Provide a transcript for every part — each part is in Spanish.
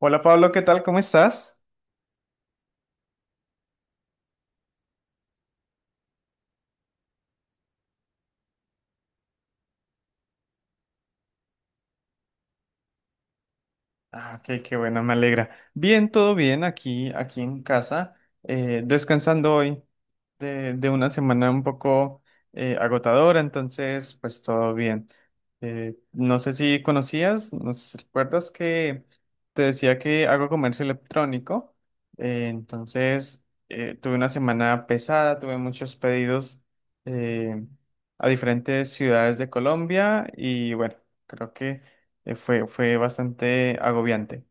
Hola Pablo, ¿qué tal? ¿Cómo estás? Ah, ok, qué bueno, me alegra. Bien, todo bien aquí en casa, descansando hoy de una semana un poco agotadora, entonces pues todo bien. No sé si conocías, no sé si recuerdas que te decía que hago comercio electrónico, entonces tuve una semana pesada, tuve muchos pedidos eh, a diferentes ciudades de Colombia y bueno, creo que fue bastante agobiante.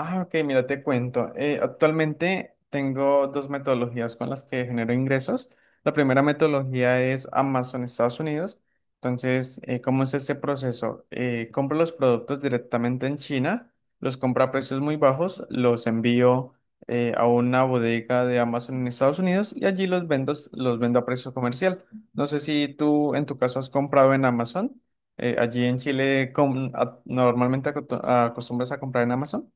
Ah, ok, mira, te cuento. Actualmente tengo dos metodologías con las que genero ingresos. La primera metodología es Amazon Estados Unidos. Entonces, ¿cómo es este proceso? Compro los productos directamente en China, los compro a precios muy bajos, los envío a una bodega de Amazon en Estados Unidos y allí los vendo a precio comercial. No sé si tú en tu caso has comprado en Amazon. Allí en Chile, ¿normalmente acostumbras a comprar en Amazon?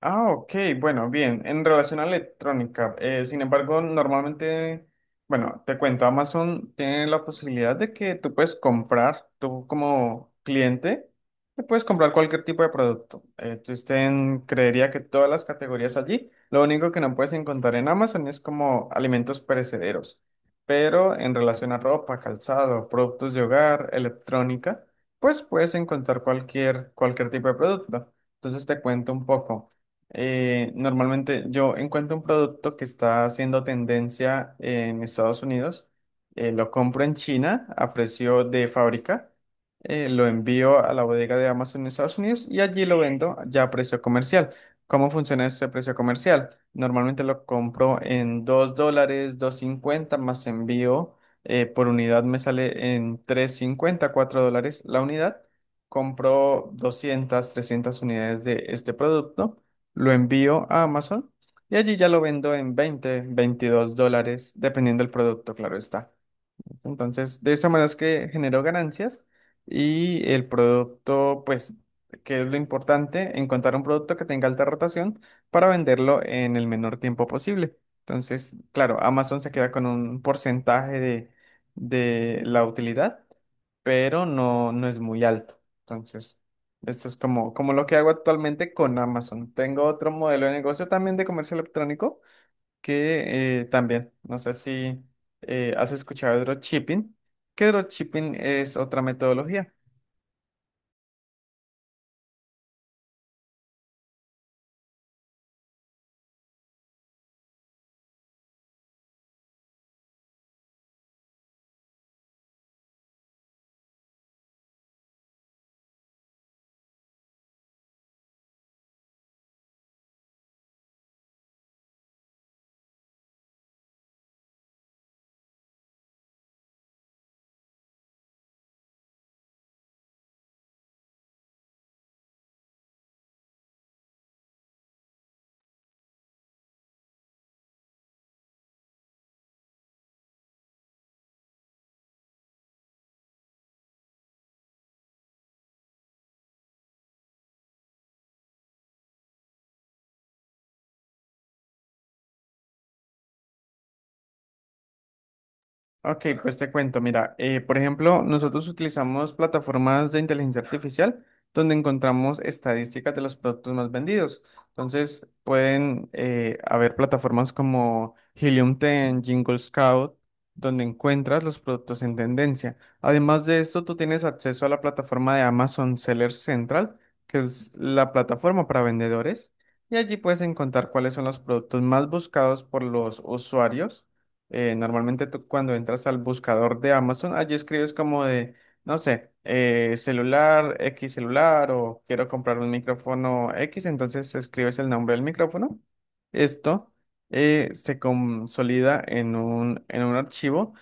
Ah, ok, bueno, bien. En relación a electrónica, sin embargo, normalmente, bueno, te cuento, Amazon tiene la posibilidad de que tú puedes comprar, tú como cliente, te puedes comprar cualquier tipo de producto. Existen, creería que todas las categorías allí. Lo único que no puedes encontrar en Amazon es como alimentos perecederos. Pero en relación a ropa, calzado, productos de hogar, electrónica, pues puedes encontrar cualquier tipo de producto. Entonces te cuento un poco. Normalmente yo encuentro un producto que está haciendo tendencia en Estados Unidos, lo compro en China a precio de fábrica, lo envío a la bodega de Amazon en Estados Unidos y allí lo vendo ya a precio comercial. ¿Cómo funciona este precio comercial? Normalmente lo compro en $2, 2.50 más envío. Por unidad me sale en $3.54 la unidad. Compro 200, 300 unidades de este producto, lo envío a Amazon y allí ya lo vendo en $20, $22, dependiendo del producto, claro está. Entonces, de esa manera es que generó ganancias y el producto, pues, que es lo importante, encontrar un producto que tenga alta rotación para venderlo en el menor tiempo posible. Entonces, claro, Amazon se queda con un porcentaje de la utilidad, pero no, no es muy alto. Entonces, esto es como lo que hago actualmente con Amazon. Tengo otro modelo de negocio también de comercio electrónico que también, no sé si has escuchado de dropshipping, que dropshipping es otra metodología. Ok, pues te cuento, mira, por ejemplo, nosotros utilizamos plataformas de inteligencia artificial donde encontramos estadísticas de los productos más vendidos. Entonces, pueden haber plataformas como Helium 10, Jingle Scout, donde encuentras los productos en tendencia. Además de esto, tú tienes acceso a la plataforma de Amazon Seller Central, que es la plataforma para vendedores, y allí puedes encontrar cuáles son los productos más buscados por los usuarios. Normalmente tú cuando entras al buscador de Amazon, allí escribes como de, no sé, celular, X celular o quiero comprar un micrófono X, entonces escribes el nombre del micrófono. Esto se consolida en un archivo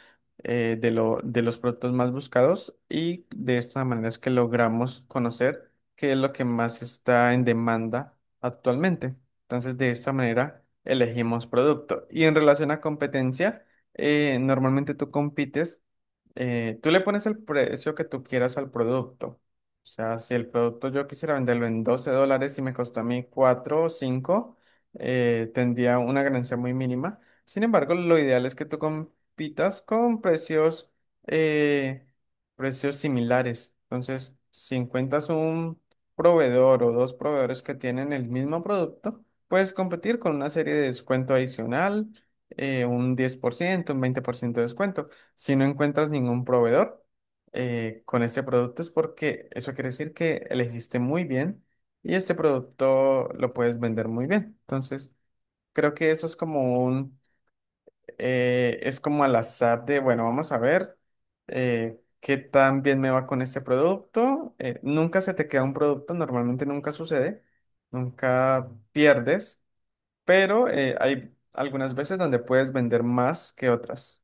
de los productos más buscados y de esta manera es que logramos conocer qué es lo que más está en demanda actualmente. Entonces, de esta manera elegimos producto. Y en relación a competencia, normalmente tú compites, tú le pones el precio que tú quieras al producto. O sea, si el producto yo quisiera venderlo en $12 y me costó a mí 4 o cinco, tendría una ganancia muy mínima. Sin embargo, lo ideal es que tú compitas con eh, precios similares. Entonces, si encuentras un proveedor o dos proveedores que tienen el mismo producto, puedes competir con una serie de descuento adicional, un 10%, un 20% de descuento. Si no encuentras ningún proveedor con este producto es porque eso quiere decir que elegiste muy bien y este producto lo puedes vender muy bien. Entonces, creo que eso es como es como al azar de, bueno, vamos a ver qué tan bien me va con este producto. Nunca se te queda un producto, normalmente nunca sucede, nunca pierdes, pero hay algunas veces donde puedes vender más que otras.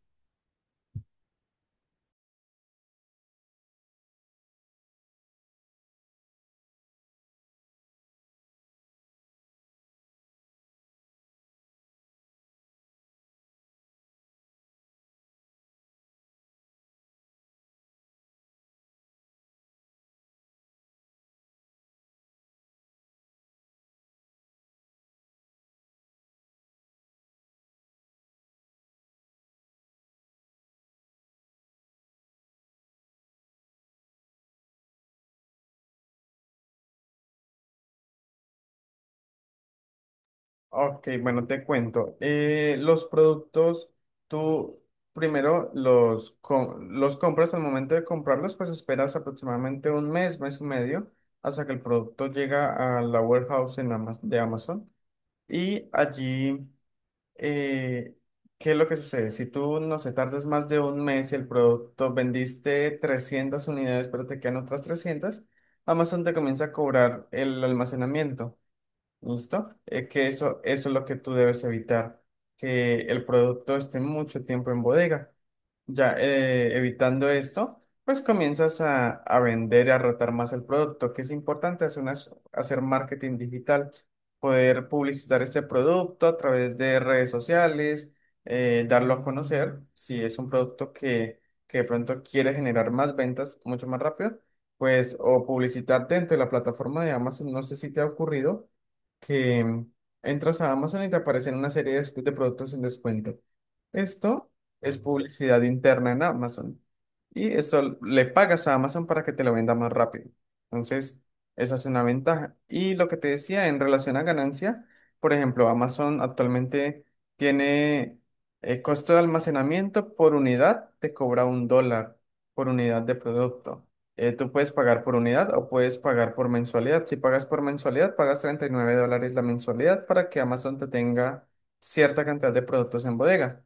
Ok, bueno, te cuento. Los productos, tú primero los compras, al momento de comprarlos, pues esperas aproximadamente un mes, mes y medio, hasta que el producto llega a la warehouse en de Amazon. Y allí... eh, ¿qué es lo que sucede? Si tú, no sé, tardas más de un mes y el producto vendiste 300 unidades, pero te quedan otras 300, Amazon te comienza a cobrar el almacenamiento, ¿listo? Que eso es lo que tú debes evitar, que el producto esté mucho tiempo en bodega. Ya evitando esto, pues comienzas a vender y a rotar más el producto, que es importante hacer marketing digital, poder publicitar este producto a través de redes sociales, darlo a conocer, si es un producto que de pronto quiere generar más ventas mucho más rápido, pues o publicitar dentro de la plataforma de Amazon, no sé si te ha ocurrido que entras a Amazon y te aparecen una serie de productos en descuento. Esto es publicidad interna en Amazon. Y eso le pagas a Amazon para que te lo venda más rápido. Entonces, esa es una ventaja. Y lo que te decía en relación a ganancia, por ejemplo, Amazon actualmente tiene costo de almacenamiento por unidad, te cobra $1 por unidad de producto. Tú puedes pagar por unidad o puedes pagar por mensualidad. Si pagas por mensualidad, pagas $39 la mensualidad para que Amazon te tenga cierta cantidad de productos en bodega.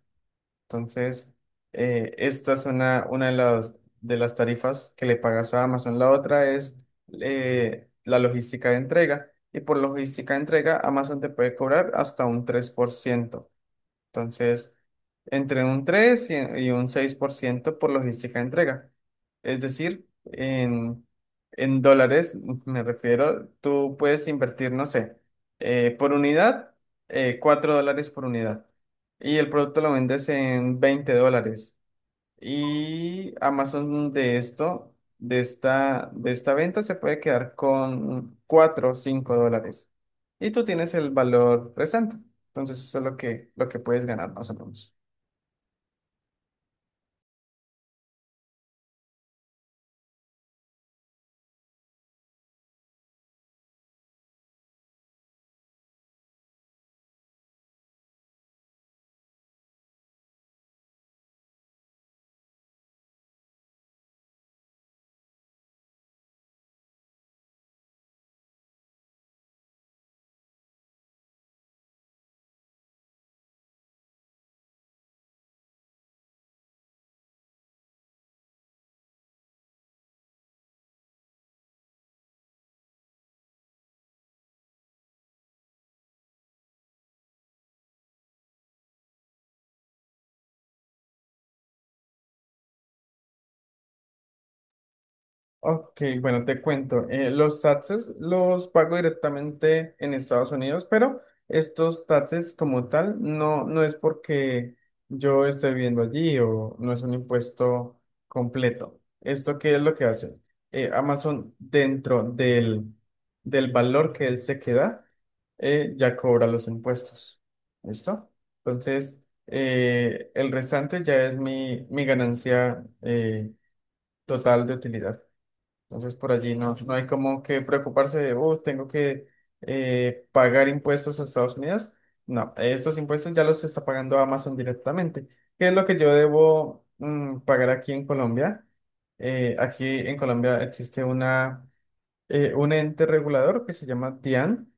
Entonces, esta es una de las tarifas que le pagas a Amazon. La otra es la logística de entrega. Y por logística de entrega, Amazon te puede cobrar hasta un 3%, entonces, entre un 3 y un 6% por logística de entrega. Es decir, en dólares, me refiero, tú puedes invertir, no sé, por unidad, $4 por unidad. Y el producto lo vendes en $20. Y Amazon de esto, de esta venta, se puede quedar con 4, o $5. Y tú tienes el valor restante. Entonces, eso es lo que puedes ganar más o menos. Ok, bueno, te cuento. Los taxes los pago directamente en Estados Unidos, pero estos taxes como tal no, no es porque yo esté viviendo allí o no es un impuesto completo. ¿Esto qué es lo que hace? Amazon dentro del valor que él se queda, ya cobra los impuestos. ¿Listo? Entonces, el restante ya es mi ganancia total de utilidad. Entonces por allí no, no hay como que preocuparse de, oh, tengo que pagar impuestos a Estados Unidos. No, estos impuestos ya los está pagando Amazon directamente. ¿Qué es lo que yo debo pagar aquí en Colombia? Aquí en Colombia existe un ente regulador que se llama DIAN,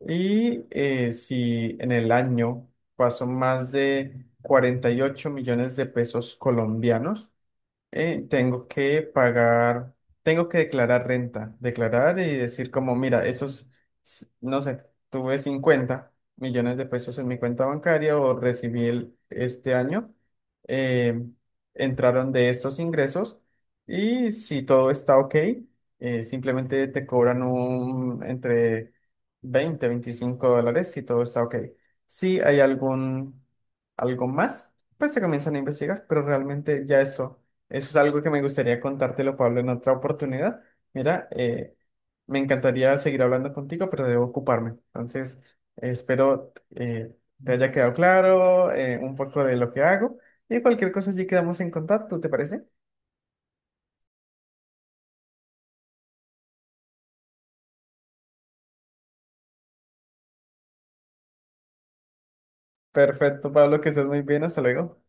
y si en el año pasó más de 48 millones de pesos colombianos, tengo que pagar, tengo que declarar renta, declarar y decir como, mira, esos, no sé, tuve 50 millones de pesos en mi cuenta bancaria, o recibí este año, eh, entraron de estos ingresos, y si todo está ok, simplemente te cobran entre $20-25 si todo está ok. Si hay algo más, pues te comienzan a investigar, pero realmente ya eso. Eso es algo que me gustaría contártelo, Pablo, en otra oportunidad. Mira, me encantaría seguir hablando contigo, pero debo ocuparme. Entonces, espero te haya quedado claro un poco de lo que hago y cualquier cosa allí quedamos en contacto, ¿te parece? Perfecto, Pablo, que estés muy bien. Hasta luego.